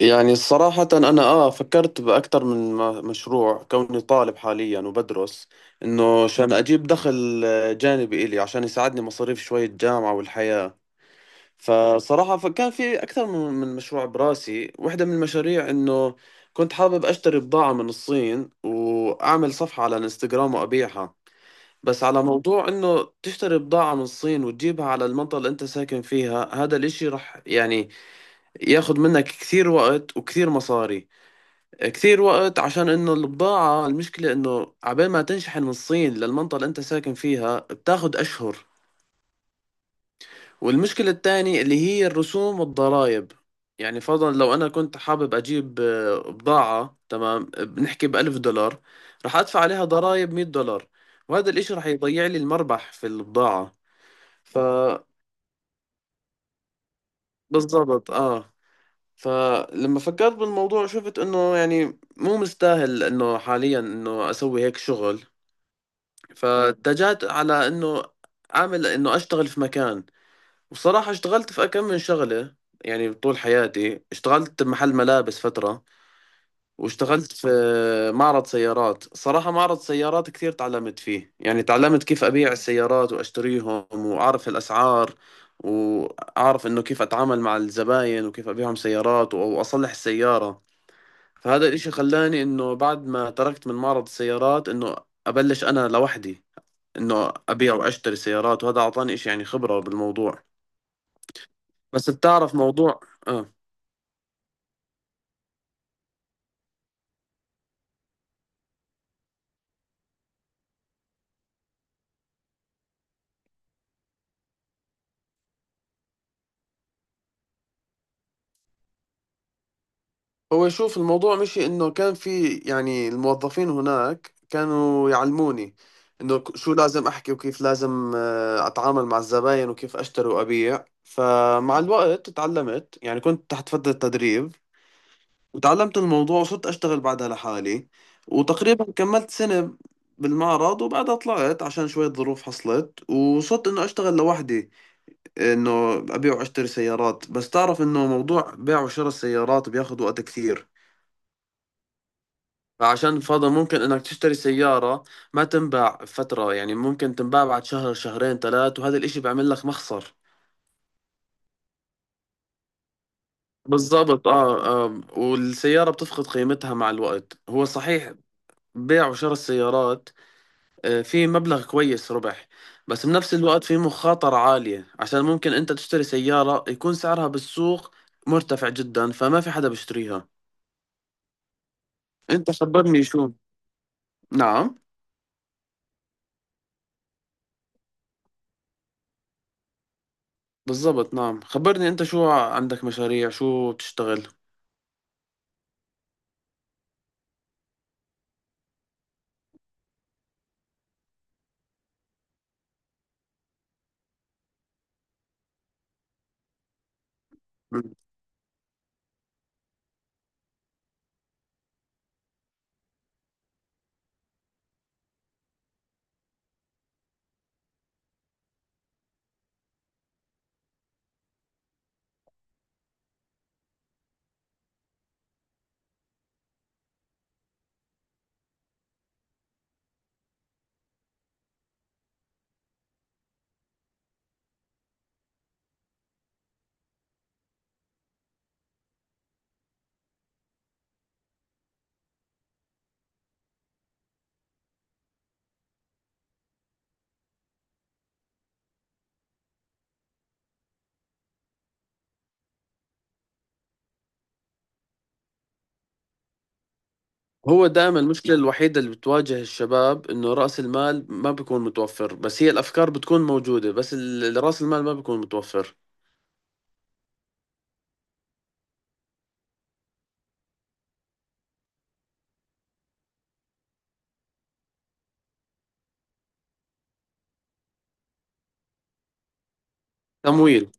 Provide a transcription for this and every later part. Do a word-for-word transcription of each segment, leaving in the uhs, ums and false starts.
يعني صراحة أنا آه فكرت بأكثر من م- مشروع، كوني طالب حاليا وبدرس، إنه عشان أجيب دخل آه، جانبي إلي عشان يساعدني مصاريف شوية جامعة والحياة. فصراحة فكان في أكثر من من مشروع براسي. واحدة من المشاريع إنه كنت حابب أشتري بضاعة من الصين وأعمل صفحة على الانستغرام وأبيعها. بس على موضوع إنه تشتري بضاعة من الصين وتجيبها على المنطقة اللي أنت ساكن فيها، هذا الإشي رح يعني ياخد منك كثير وقت وكثير مصاري، كتير وقت، عشان انه البضاعة المشكلة انه عبال ما تنشحن من الصين للمنطقة اللي انت ساكن فيها بتاخد اشهر. والمشكلة الثانية اللي هي الرسوم والضرائب. يعني فرضا لو انا كنت حابب اجيب آه، بضاعة، تمام، بنحكي بألف دولار، رح ادفع عليها ضرائب مئة دولار. وهذا الاشي رح يضيع لي المربح في البضاعة. ف بالضبط، اه. فلما فكرت بالموضوع شفت انه يعني مو مستاهل انه حاليا انه اسوي هيك شغل. فاتجهت على انه اعمل، انه اشتغل في مكان. وصراحة اشتغلت في كم من شغلة. يعني طول حياتي اشتغلت بمحل ملابس فترة، واشتغلت في معرض سيارات. صراحة معرض سيارات كثير تعلمت فيه. يعني تعلمت كيف أبيع السيارات وأشتريهم وأعرف الأسعار، وأعرف إنه كيف أتعامل مع الزباين وكيف أبيعهم سيارات أو أصلح السيارة. فهذا الإشي خلاني إنه بعد ما تركت من معرض السيارات، إنه أبلش أنا لوحدي، انه ابيع واشتري سيارات. وهذا اعطاني إشي يعني خبرة بالموضوع. بس بتعرف موضوع. اه. هو شوف الموضوع مشي. انه كان في يعني الموظفين هناك كانوا يعلموني انه ك- شو لازم احكي وكيف لازم آه، اتعامل مع الزباين وكيف اشتري وابيع. فمع الوقت تعلمت، يعني كنت تحت فترة تدريب، وتعلمت الموضوع وصرت اشتغل بعدها لحالي. وتقريبا كملت سنة بالمعرض. وبعدها طلعت عشان شوية ظروف حصلت، وصرت انه اشتغل لوحدي، انه ابيع واشتري سيارات. بس تعرف انه موضوع بيع وشراء السيارات بياخذ وقت كثير. فعشان فضل ممكن انك تشتري سيارة ما تنباع فترة. يعني ممكن تنباع بعد شهر، شهرين، ثلاث، وهذا الاشي بيعمل لك مخسر. بالضبط، آه, اه والسيارة بتفقد قيمتها مع الوقت، هو صحيح. بيع وشراء السيارات آه في مبلغ كويس ربح. بس بنفس الوقت في مخاطرة عالية، عشان ممكن انت تشتري سيارة يكون سعرها بالسوق مرتفع جدا فما في حدا بيشتريها. انت خبرني شو. نعم. بالضبط، نعم، خبرني انت، شو عندك مشاريع، شو بتشتغل؟ مم. هو دائما المشكلة الوحيدة اللي بتواجه الشباب انه رأس المال ما بيكون متوفر، بس هي الافكار بتكون موجودة، بس ال- رأس المال ما بيكون متوفر. تمويل.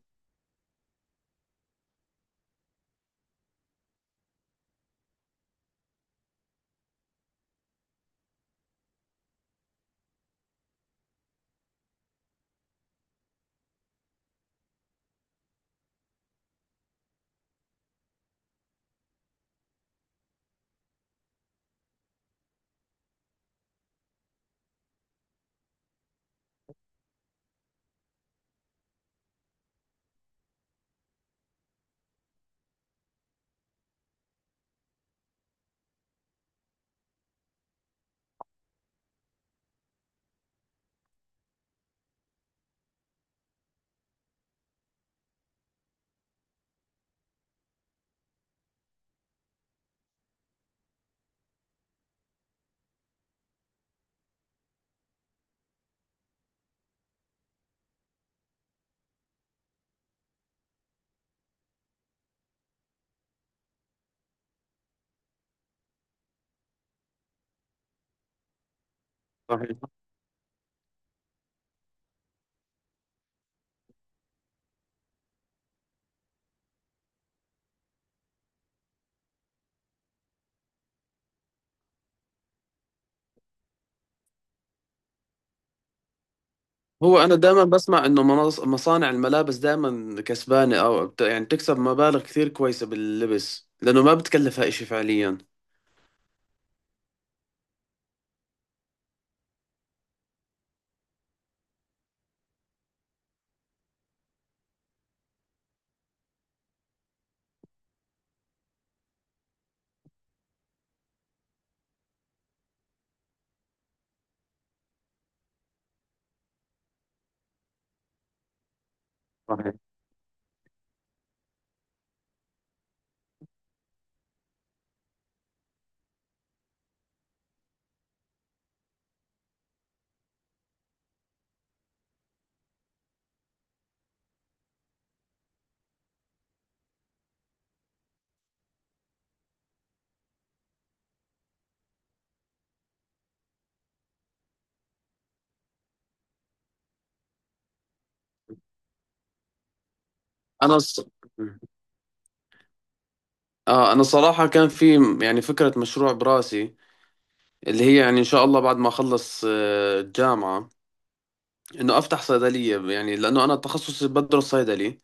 صحيح. هو انا دائما بسمع انه مناص- مصانع الملابس دائما كسبانة او بت- يعني بتكسب مبالغ كثير كويسة باللبس، لانه ما بتكلفها اشي فعليا. صحيح. انا الص- مم. اه، انا صراحة كان في يعني فكرة مشروع براسي، اللي هي يعني ان شاء الله بعد ما اخلص آه، الجامعه، انه افتح صيدليه. يعني لانه انا تخصصي بدرس صيدلي.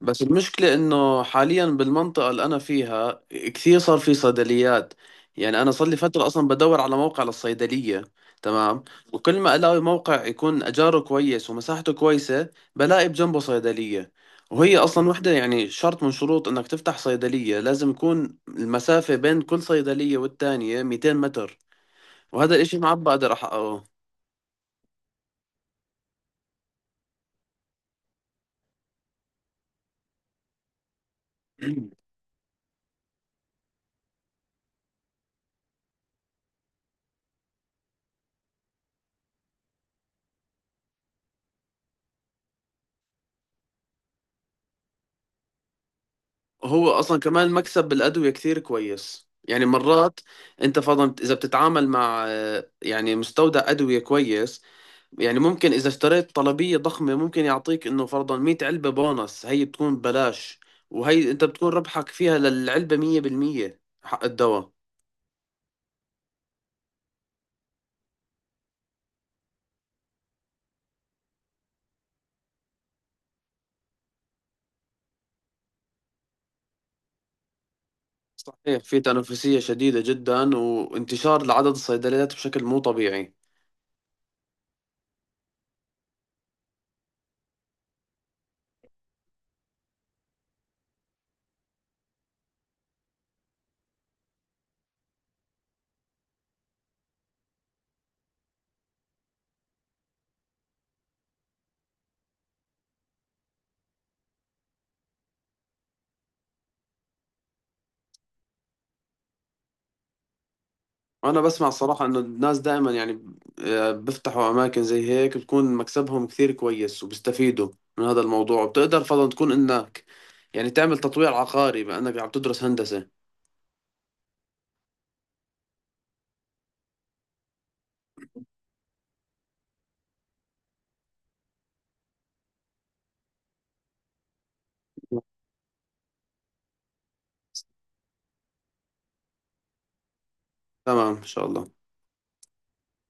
بس المشكله انه حاليا بالمنطقه اللي انا فيها كثير صار في صيدليات. يعني انا صار لي فتره اصلا بدور على موقع للصيدليه. تمام. وكل ما الاقي موقع يكون اجاره كويس ومساحته كويسه، بلاقي بجنبه صيدليه. وهي اصلا وحده يعني شرط من شروط انك تفتح صيدليه، لازم يكون المسافه بين كل صيدليه والتانيه ميتين متر. وهذا الاشي معبى على رح اه وهو اصلا كمان مكسب بالادويه كثير كويس. يعني مرات انت فرضا اذا بتتعامل مع آه، يعني مستودع ادويه كويس، يعني ممكن اذا اشتريت طلبيه ضخمه ممكن يعطيك انه فرضا مية علبه بونص هي بتكون ببلاش. وهي انت بتكون ربحك فيها للعلبه مية بالمية حق الدواء. صحيح. في تنافسيه شديده جدا وانتشار لعدد الصيدليات بشكل مو طبيعي. انا بسمع الصراحه ان الناس دائما يعني آه، بيفتحوا اماكن زي هيك بتكون مكسبهم كثير كويس وبيستفيدوا من هذا الموضوع. وبتقدر فضلا تكون انك يعني تعمل تطوير عقاري بانك عم تدرس هندسه. تمام ان شاء الله.